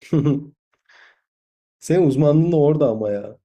Hı hı. Senin uzmanlığın da orada ama ya.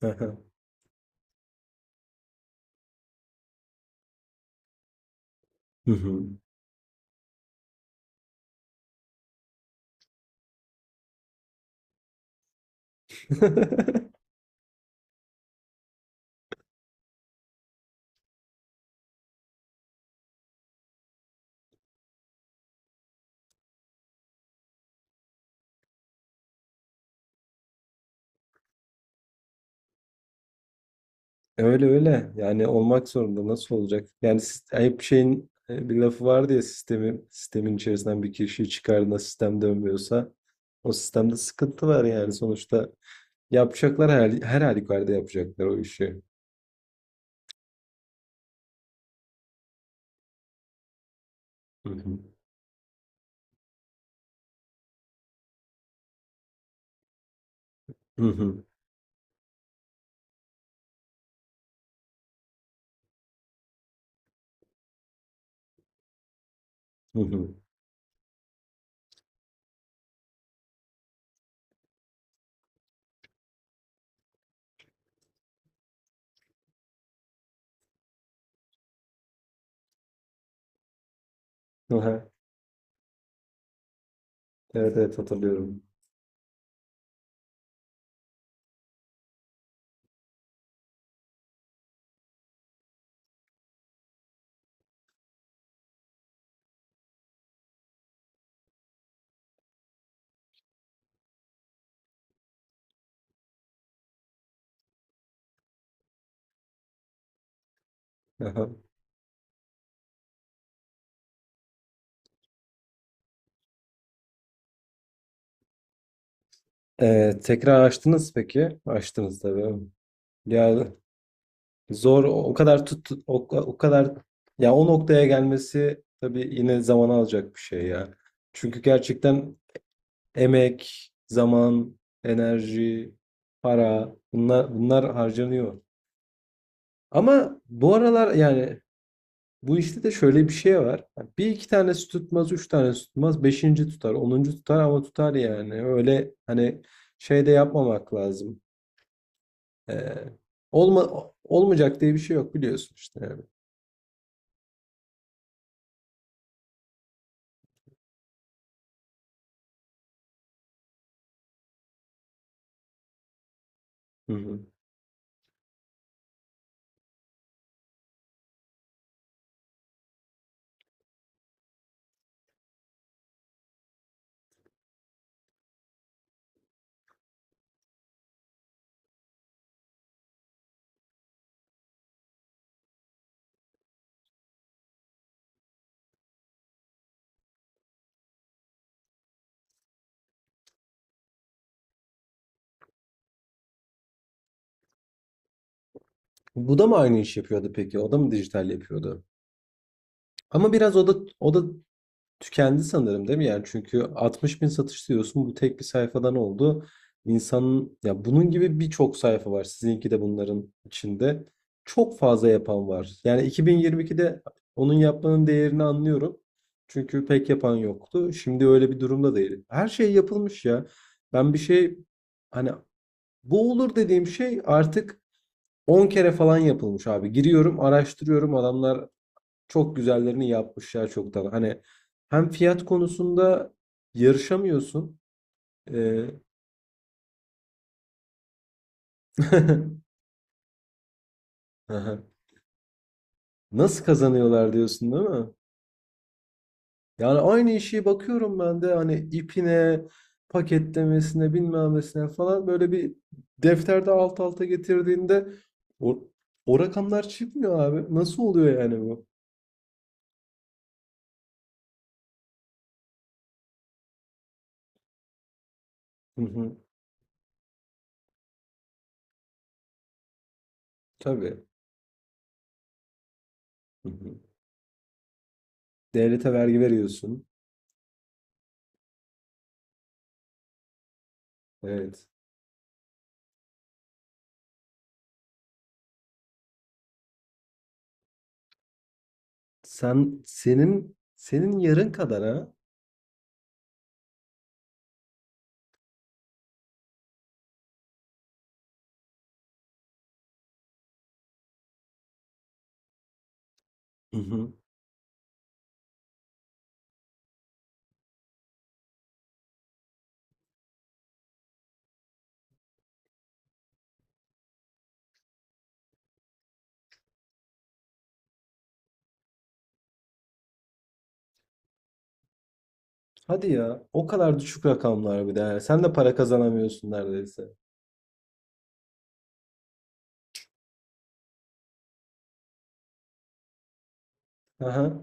Hı hı. Hı hı. Öyle öyle. Yani olmak zorunda. Nasıl olacak? Yani ayıp şeyin bir lafı vardı ya sistemin içerisinden bir kişiyi çıkardığında sistem dönmüyorsa o sistemde sıkıntı var yani sonuçta. Yapacaklar her halükarda yapacaklar o işi. Hı hı. Hı hı. Hı hı. Aha. Evet, evet, hatırlıyorum. Aha. Tekrar açtınız peki? Açtınız tabii. Ya, zor o kadar ya o noktaya gelmesi tabii yine zaman alacak bir şey ya. Çünkü gerçekten emek, zaman, enerji, para bunlar harcanıyor. Ama bu aralar yani bu işte de şöyle bir şey var. Bir iki tanesi tutmaz, üç tanesi tutmaz, beşinci tutar, onuncu tutar ama tutar yani. Öyle hani şey de yapmamak lazım. Ee, Olmayacak diye bir şey yok, biliyorsun işte yani. Hı hı. Bu da mı aynı iş yapıyordu peki? O da mı dijital yapıyordu? Ama biraz o da tükendi sanırım, değil mi? Yani çünkü 60 bin satış diyorsun, bu tek bir sayfadan oldu. İnsanın ya bunun gibi birçok sayfa var. Sizinki de bunların içinde. Çok fazla yapan var. Yani 2022'de onun yapmanın değerini anlıyorum. Çünkü pek yapan yoktu. Şimdi öyle bir durumda değil. Her şey yapılmış ya. Ben bir şey Hani, bu olur dediğim şey artık 10 kere falan yapılmış abi. Giriyorum, araştırıyorum. Adamlar çok güzellerini yapmışlar çoktan. Hani hem fiyat konusunda yarışamıyorsun. Ee, aha. Nasıl kazanıyorlar diyorsun, değil mi? Yani aynı işi bakıyorum ben de, hani ipine, paketlemesine, bilmemesine falan, böyle bir defterde alt alta getirdiğinde o, o rakamlar çıkmıyor abi. Nasıl oluyor yani bu? Hı hı. Tabii. Hı hı. Devlete vergi veriyorsun. Evet. Sen senin yarın kadar ha. Hı hı. Hadi ya. O kadar düşük rakamlar bir de. Sen de para kazanamıyorsun neredeyse. Aha.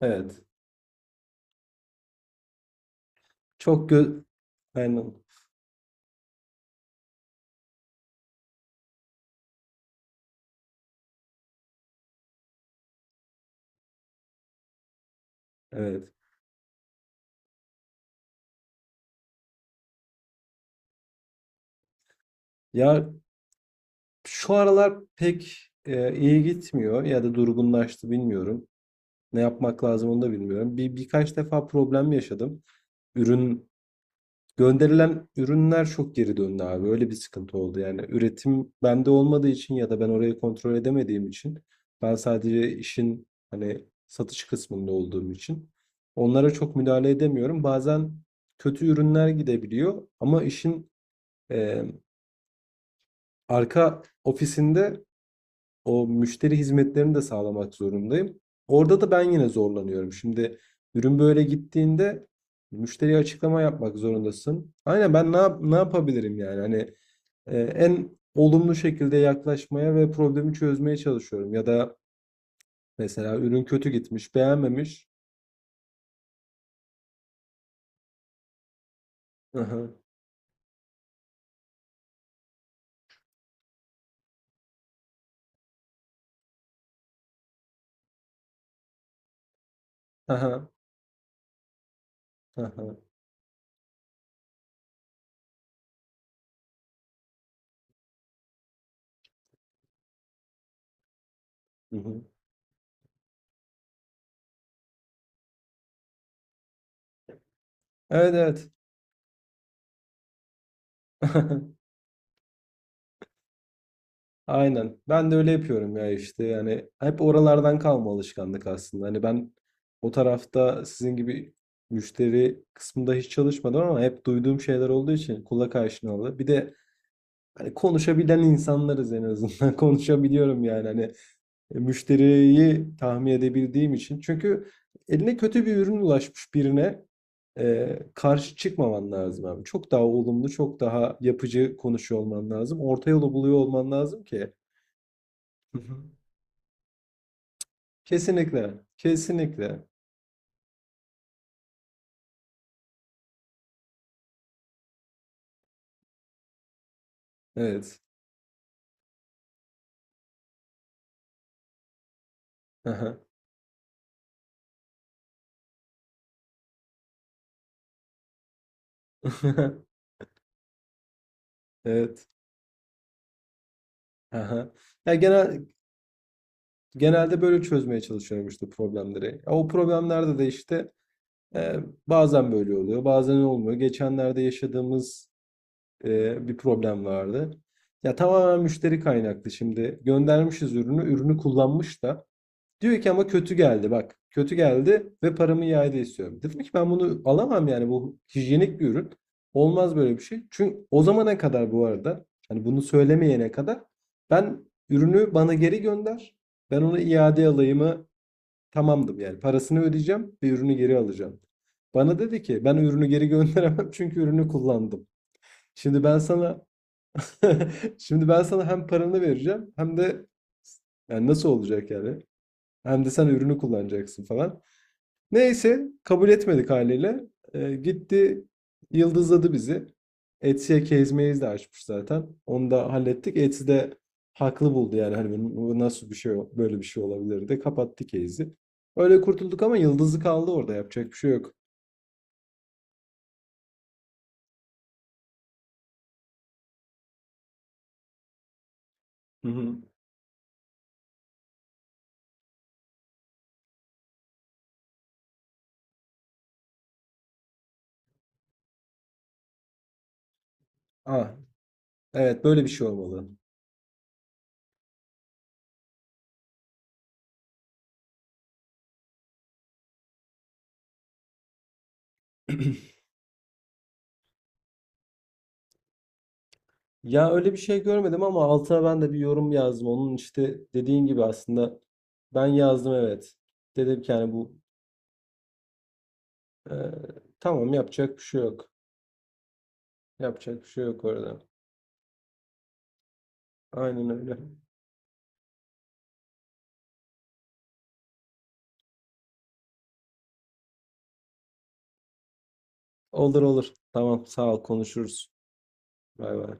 Evet. Çok gö Aynen. Evet. Ya, şu aralar pek iyi gitmiyor ya da durgunlaştı, bilmiyorum. Ne yapmak lazım onu da bilmiyorum. Birkaç defa problem yaşadım. Ürün Gönderilen ürünler çok geri döndü abi. Öyle bir sıkıntı oldu. Yani üretim bende olmadığı için ya da ben orayı kontrol edemediğim için, ben sadece işin hani satış kısmında olduğum için onlara çok müdahale edemiyorum. Bazen kötü ürünler gidebiliyor ama işin e, arka ofisinde o müşteri hizmetlerini de sağlamak zorundayım. Orada da ben yine zorlanıyorum. Şimdi ürün böyle gittiğinde müşteriye açıklama yapmak zorundasın. Aynen, ben ne yapabilirim yani? Hani en olumlu şekilde yaklaşmaya ve problemi çözmeye çalışıyorum. Ya da mesela ürün kötü gitmiş, beğenmemiş. Aha, aha, aha. Hı hı. Evet, evet. Aynen. Ben de öyle yapıyorum ya işte. Yani hep oralardan kalma alışkanlık aslında. Hani ben o tarafta sizin gibi müşteri kısmında hiç çalışmadım ama hep duyduğum şeyler olduğu için kulak aşinalı. Bir de hani konuşabilen insanlarız en azından. Konuşabiliyorum yani, hani müşteriyi tahmin edebildiğim için. Çünkü eline kötü bir ürün ulaşmış birine karşı çıkmaman lazım abi. Çok daha olumlu, çok daha yapıcı konuşuyor olman lazım. Orta yolu buluyor olman lazım ki. Hı hı. Kesinlikle, kesinlikle. Evet. Hı. Evet. Hı. Ya, genelde böyle çözmeye çalışıyorum işte problemleri. Ya, o problemlerde de işte, bazen böyle oluyor, bazen olmuyor. Geçenlerde yaşadığımız, bir problem vardı. Ya, tamamen müşteri kaynaklı şimdi. Göndermişiz ürünü, ürünü kullanmış da diyor ki ama kötü geldi bak. Kötü geldi ve paramı iade istiyorum. Dedim ki ben bunu alamam yani, bu hijyenik bir ürün. Olmaz böyle bir şey. Çünkü o zamana kadar, bu arada hani bunu söylemeyene kadar, ben ürünü bana geri gönder. Ben onu iade alayımı tamamdım yani, parasını ödeyeceğim ve ürünü geri alacağım. Bana dedi ki ben ürünü geri gönderemem çünkü ürünü kullandım. Şimdi ben sana şimdi ben sana hem paranı vereceğim hem de yani nasıl olacak yani? Hem de sen ürünü kullanacaksın falan. Neyse kabul etmedik haliyle. Gitti, yıldızladı bizi. Etsy'e kezmeyiz de açmış zaten. Onu da hallettik. Etsy de haklı buldu yani, hani bu nasıl bir şey, böyle bir şey olabilir de kapattı case'i. Öyle kurtulduk ama yıldızı kaldı orada, yapacak bir şey yok. Hı hı. Ah, evet, böyle bir şey olmalı. Ya öyle bir şey görmedim ama altına ben de bir yorum yazdım. Onun işte dediğin gibi aslında ben yazdım, evet. Dedim ki yani bu Ee, tamam, yapacak bir şey yok. Yapacak bir şey yok orada. Aynen öyle. Olur, olur. Tamam, sağ ol, konuşuruz. Bay bay.